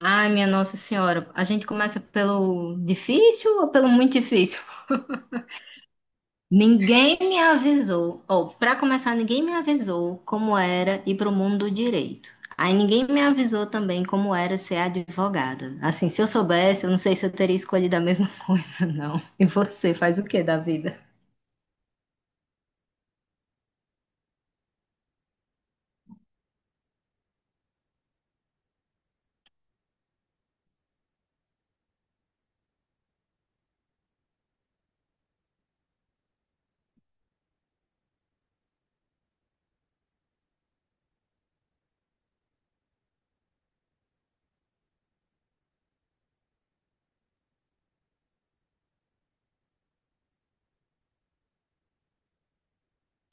Ai, minha Nossa Senhora, a gente começa pelo difícil ou pelo muito difícil? Ninguém me avisou, ou para começar, ninguém me avisou como era ir pro mundo do direito. Aí ninguém me avisou também como era ser advogada. Assim, se eu soubesse, eu não sei se eu teria escolhido a mesma coisa, não. E você faz o que da vida?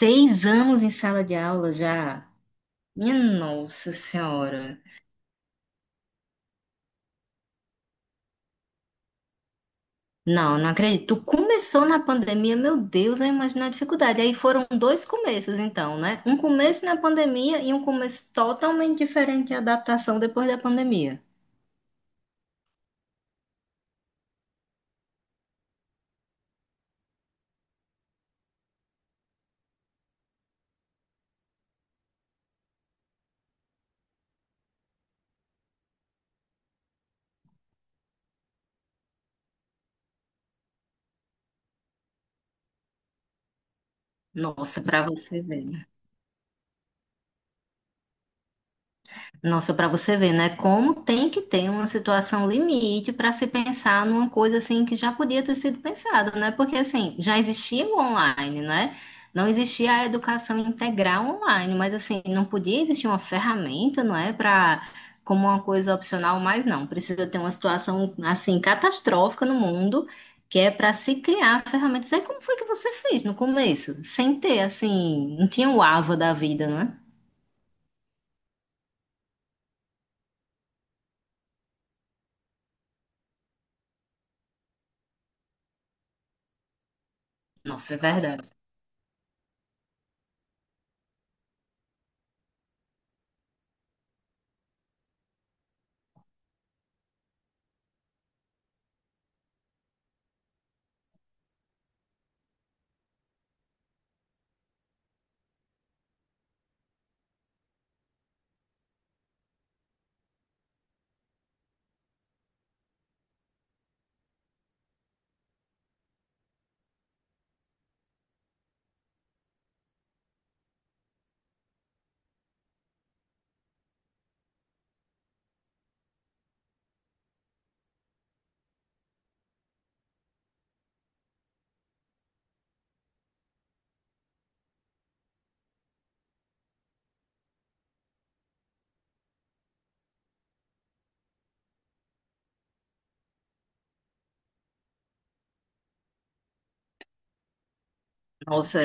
Seis anos em sala de aula já? Minha Nossa Senhora. Não, não acredito. Tu começou na pandemia, meu Deus, eu imagino a dificuldade. Aí foram dois começos, então, né? Um começo na pandemia e um começo totalmente diferente à adaptação depois da pandemia. Nossa, pra você ver. Nossa, para você ver, né? Como tem que ter uma situação limite para se pensar numa coisa assim que já podia ter sido pensada, né? Porque assim, já existia o online, né? Não existia a educação integral online, mas assim, não podia existir uma ferramenta, não é? Para como uma coisa opcional, mas não. Precisa ter uma situação assim catastrófica no mundo que é para se criar ferramentas. É como foi que você fez no começo, sem ter assim, não tinha o Ava da vida, né? Nossa, é verdade. Nossa,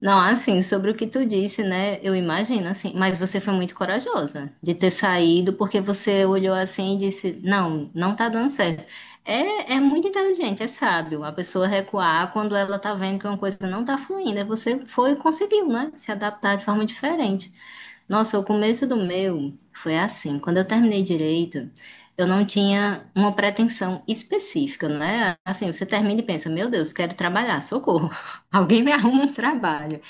não, assim, sobre o que tu disse, né? Eu imagino, assim, mas você foi muito corajosa de ter saído, porque você olhou assim e disse, não, não tá dando certo. É, é muito inteligente, é sábio a pessoa recuar quando ela tá vendo que uma coisa não tá fluindo. Aí você foi e conseguiu, né? Se adaptar de forma diferente. Nossa, o começo do meu foi assim. Quando eu terminei direito, eu não tinha uma pretensão específica, né? Assim, você termina e pensa, meu Deus, quero trabalhar, socorro. Alguém me arruma um trabalho.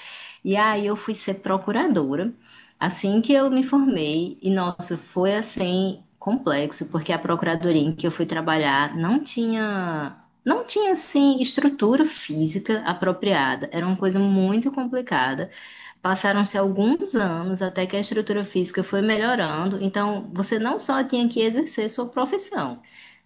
E aí eu fui ser procuradora assim que eu me formei. E nossa, foi assim complexo, porque a procuradoria em que eu fui trabalhar não tinha não tinha assim estrutura física apropriada. Era uma coisa muito complicada. Passaram-se alguns anos até que a estrutura física foi melhorando. Então, você não só tinha que exercer sua profissão,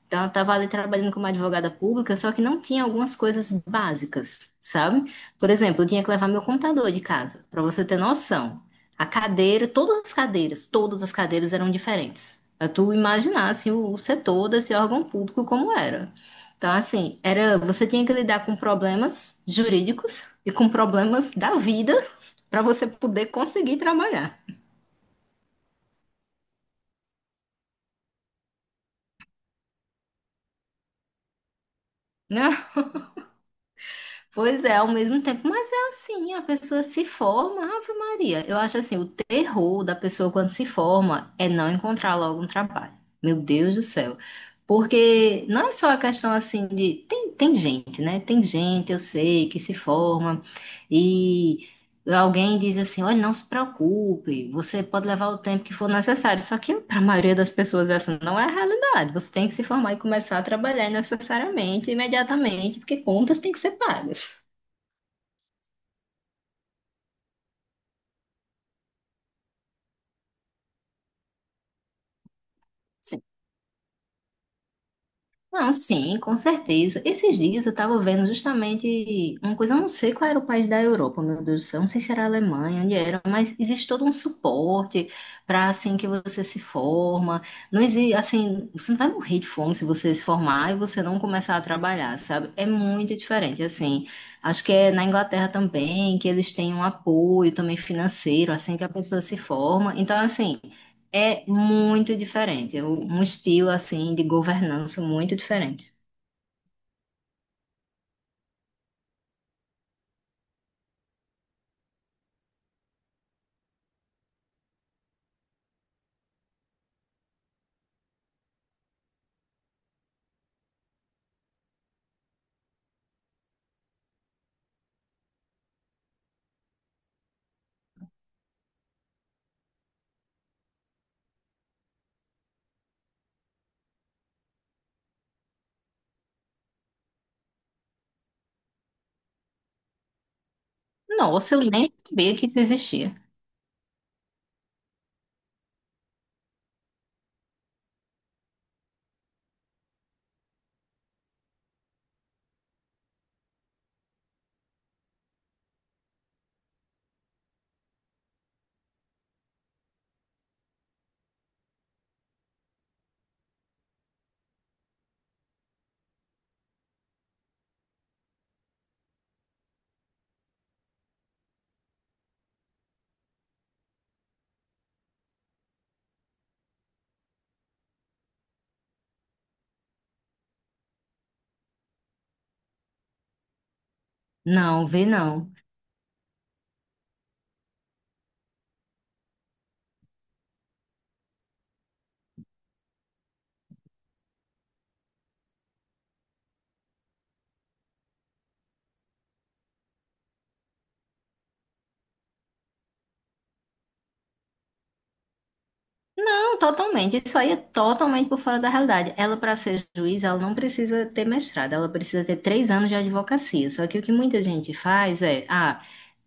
então, eu estava ali trabalhando como advogada pública, só que não tinha algumas coisas básicas, sabe? Por exemplo, eu tinha que levar meu computador de casa, para você ter noção. A cadeira, todas as cadeiras eram diferentes. Pra tu imaginar, assim, o setor desse órgão público como era. Então, assim, era, você tinha que lidar com problemas jurídicos e com problemas da vida para você poder conseguir trabalhar. Né? Pois é, ao mesmo tempo, mas é assim, a pessoa se forma, Ave Maria. Eu acho assim, o terror da pessoa quando se forma é não encontrar logo um trabalho. Meu Deus do céu. Porque não é só a questão assim de. Tem, tem gente, né? Tem gente, eu sei, que se forma e alguém diz assim: olha, não se preocupe, você pode levar o tempo que for necessário. Só que para a maioria das pessoas essa não é a realidade. Você tem que se formar e começar a trabalhar necessariamente, imediatamente, porque contas têm que ser pagas. Sim. Não, sim, com certeza. Esses dias eu estava vendo justamente uma coisa, eu não sei qual era o país da Europa, meu Deus do céu, não sei se era a Alemanha, onde era, mas existe todo um suporte para assim que você se forma. Não existe, assim, você não vai morrer de fome se você se formar e você não começar a trabalhar, sabe? É muito diferente, assim. Acho que é na Inglaterra também que eles têm um apoio também financeiro assim que a pessoa se forma. Então, assim, é muito diferente, é um estilo assim de governança muito diferente. Nossa, eu nem sabia que isso existia. Não, vi não. Não, totalmente. Isso aí é totalmente por fora da realidade. Ela, para ser juiz, ela não precisa ter mestrado, ela precisa ter três anos de advocacia. Só que o que muita gente faz é, ah,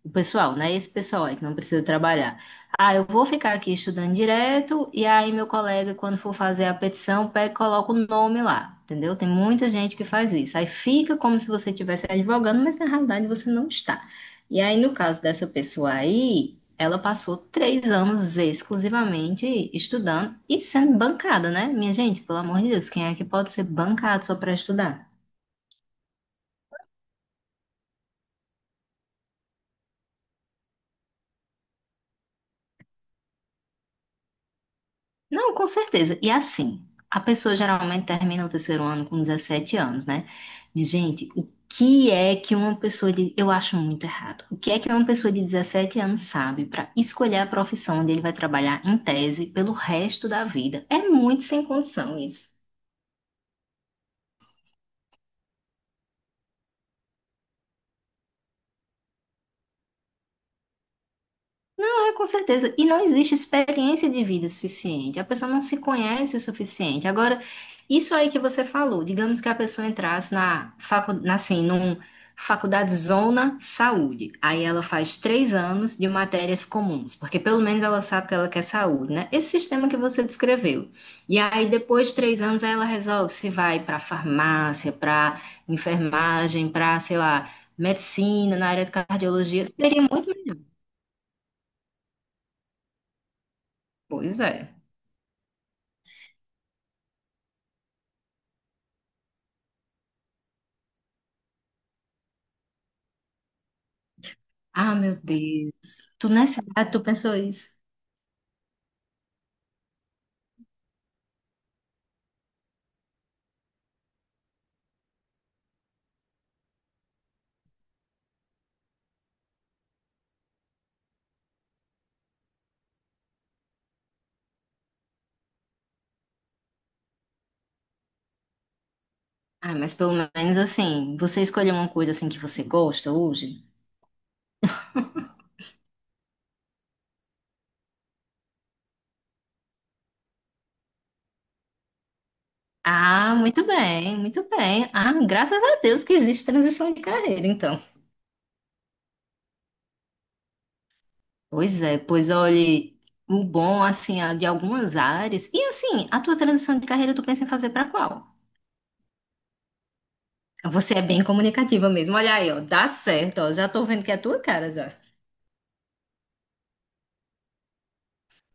o pessoal, né? Esse pessoal aí que não precisa trabalhar. Ah, eu vou ficar aqui estudando direto, e aí meu colega, quando for fazer a petição, pega, e coloca o nome lá, entendeu? Tem muita gente que faz isso. Aí fica como se você estivesse advogando, mas na realidade você não está. E aí, no caso dessa pessoa aí. Ela passou três anos exclusivamente estudando e sendo bancada, né? Minha gente, pelo amor de Deus, quem é que pode ser bancado só para estudar? Não, com certeza. E assim, a pessoa geralmente termina o terceiro ano com 17 anos, né? Minha gente, o que é que uma pessoa de. Eu acho muito errado. O que é que uma pessoa de 17 anos sabe para escolher a profissão onde ele vai trabalhar em tese pelo resto da vida? É muito sem condição isso. É, com certeza. E não existe experiência de vida o suficiente. A pessoa não se conhece o suficiente. Agora, isso aí que você falou, digamos que a pessoa entrasse na facu, na, assim, num faculdade Zona Saúde. Aí ela faz três anos de matérias comuns, porque pelo menos ela sabe que ela quer saúde, né? Esse sistema que você descreveu. E aí, depois de três anos, aí ela resolve se vai para farmácia, para enfermagem, para, sei lá, medicina, na área de cardiologia. Seria muito melhor. Pois é. Ah, meu Deus. Tu nessa idade, tu pensou isso? Ah, mas pelo menos assim, você escolheu uma coisa assim que você gosta hoje? Ah, muito bem, muito bem. Ah, graças a Deus que existe transição de carreira, então. Pois é, pois olhe, o bom assim é de algumas áreas. E assim, a tua transição de carreira tu pensa em fazer pra qual? Você é bem comunicativa mesmo. Olha aí, ó, dá certo, ó. Já tô vendo que é a tua cara já.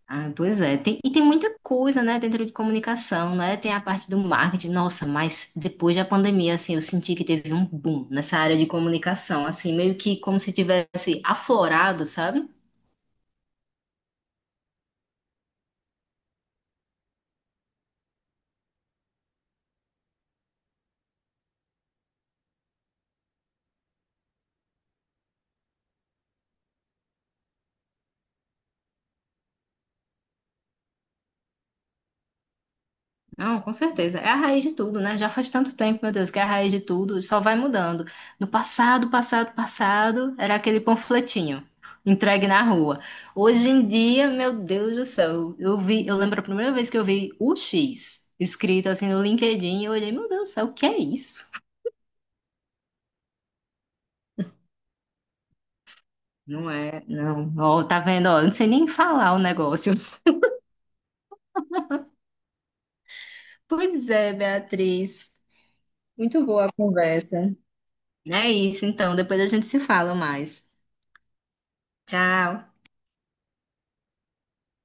Ah, pois é, tem- e tem muita coisa, né, dentro de comunicação, né? Tem a parte do marketing, nossa, mas depois da pandemia, assim, eu senti que teve um boom nessa área de comunicação, assim, meio que como se tivesse aflorado, sabe? Não, com certeza. É a raiz de tudo, né? Já faz tanto tempo, meu Deus, que é a raiz de tudo, só vai mudando. No passado, passado, passado, era aquele panfletinho entregue na rua. Hoje em dia, meu Deus do céu, eu vi, eu lembro a primeira vez que eu vi o X escrito assim no LinkedIn, eu olhei, meu Deus do céu, o que é isso? Não é, não. Ó, tá vendo? Ó, eu não sei nem falar o negócio. Pois é, Beatriz. Muito boa a conversa. É isso, então, depois a gente se fala mais. Tchau.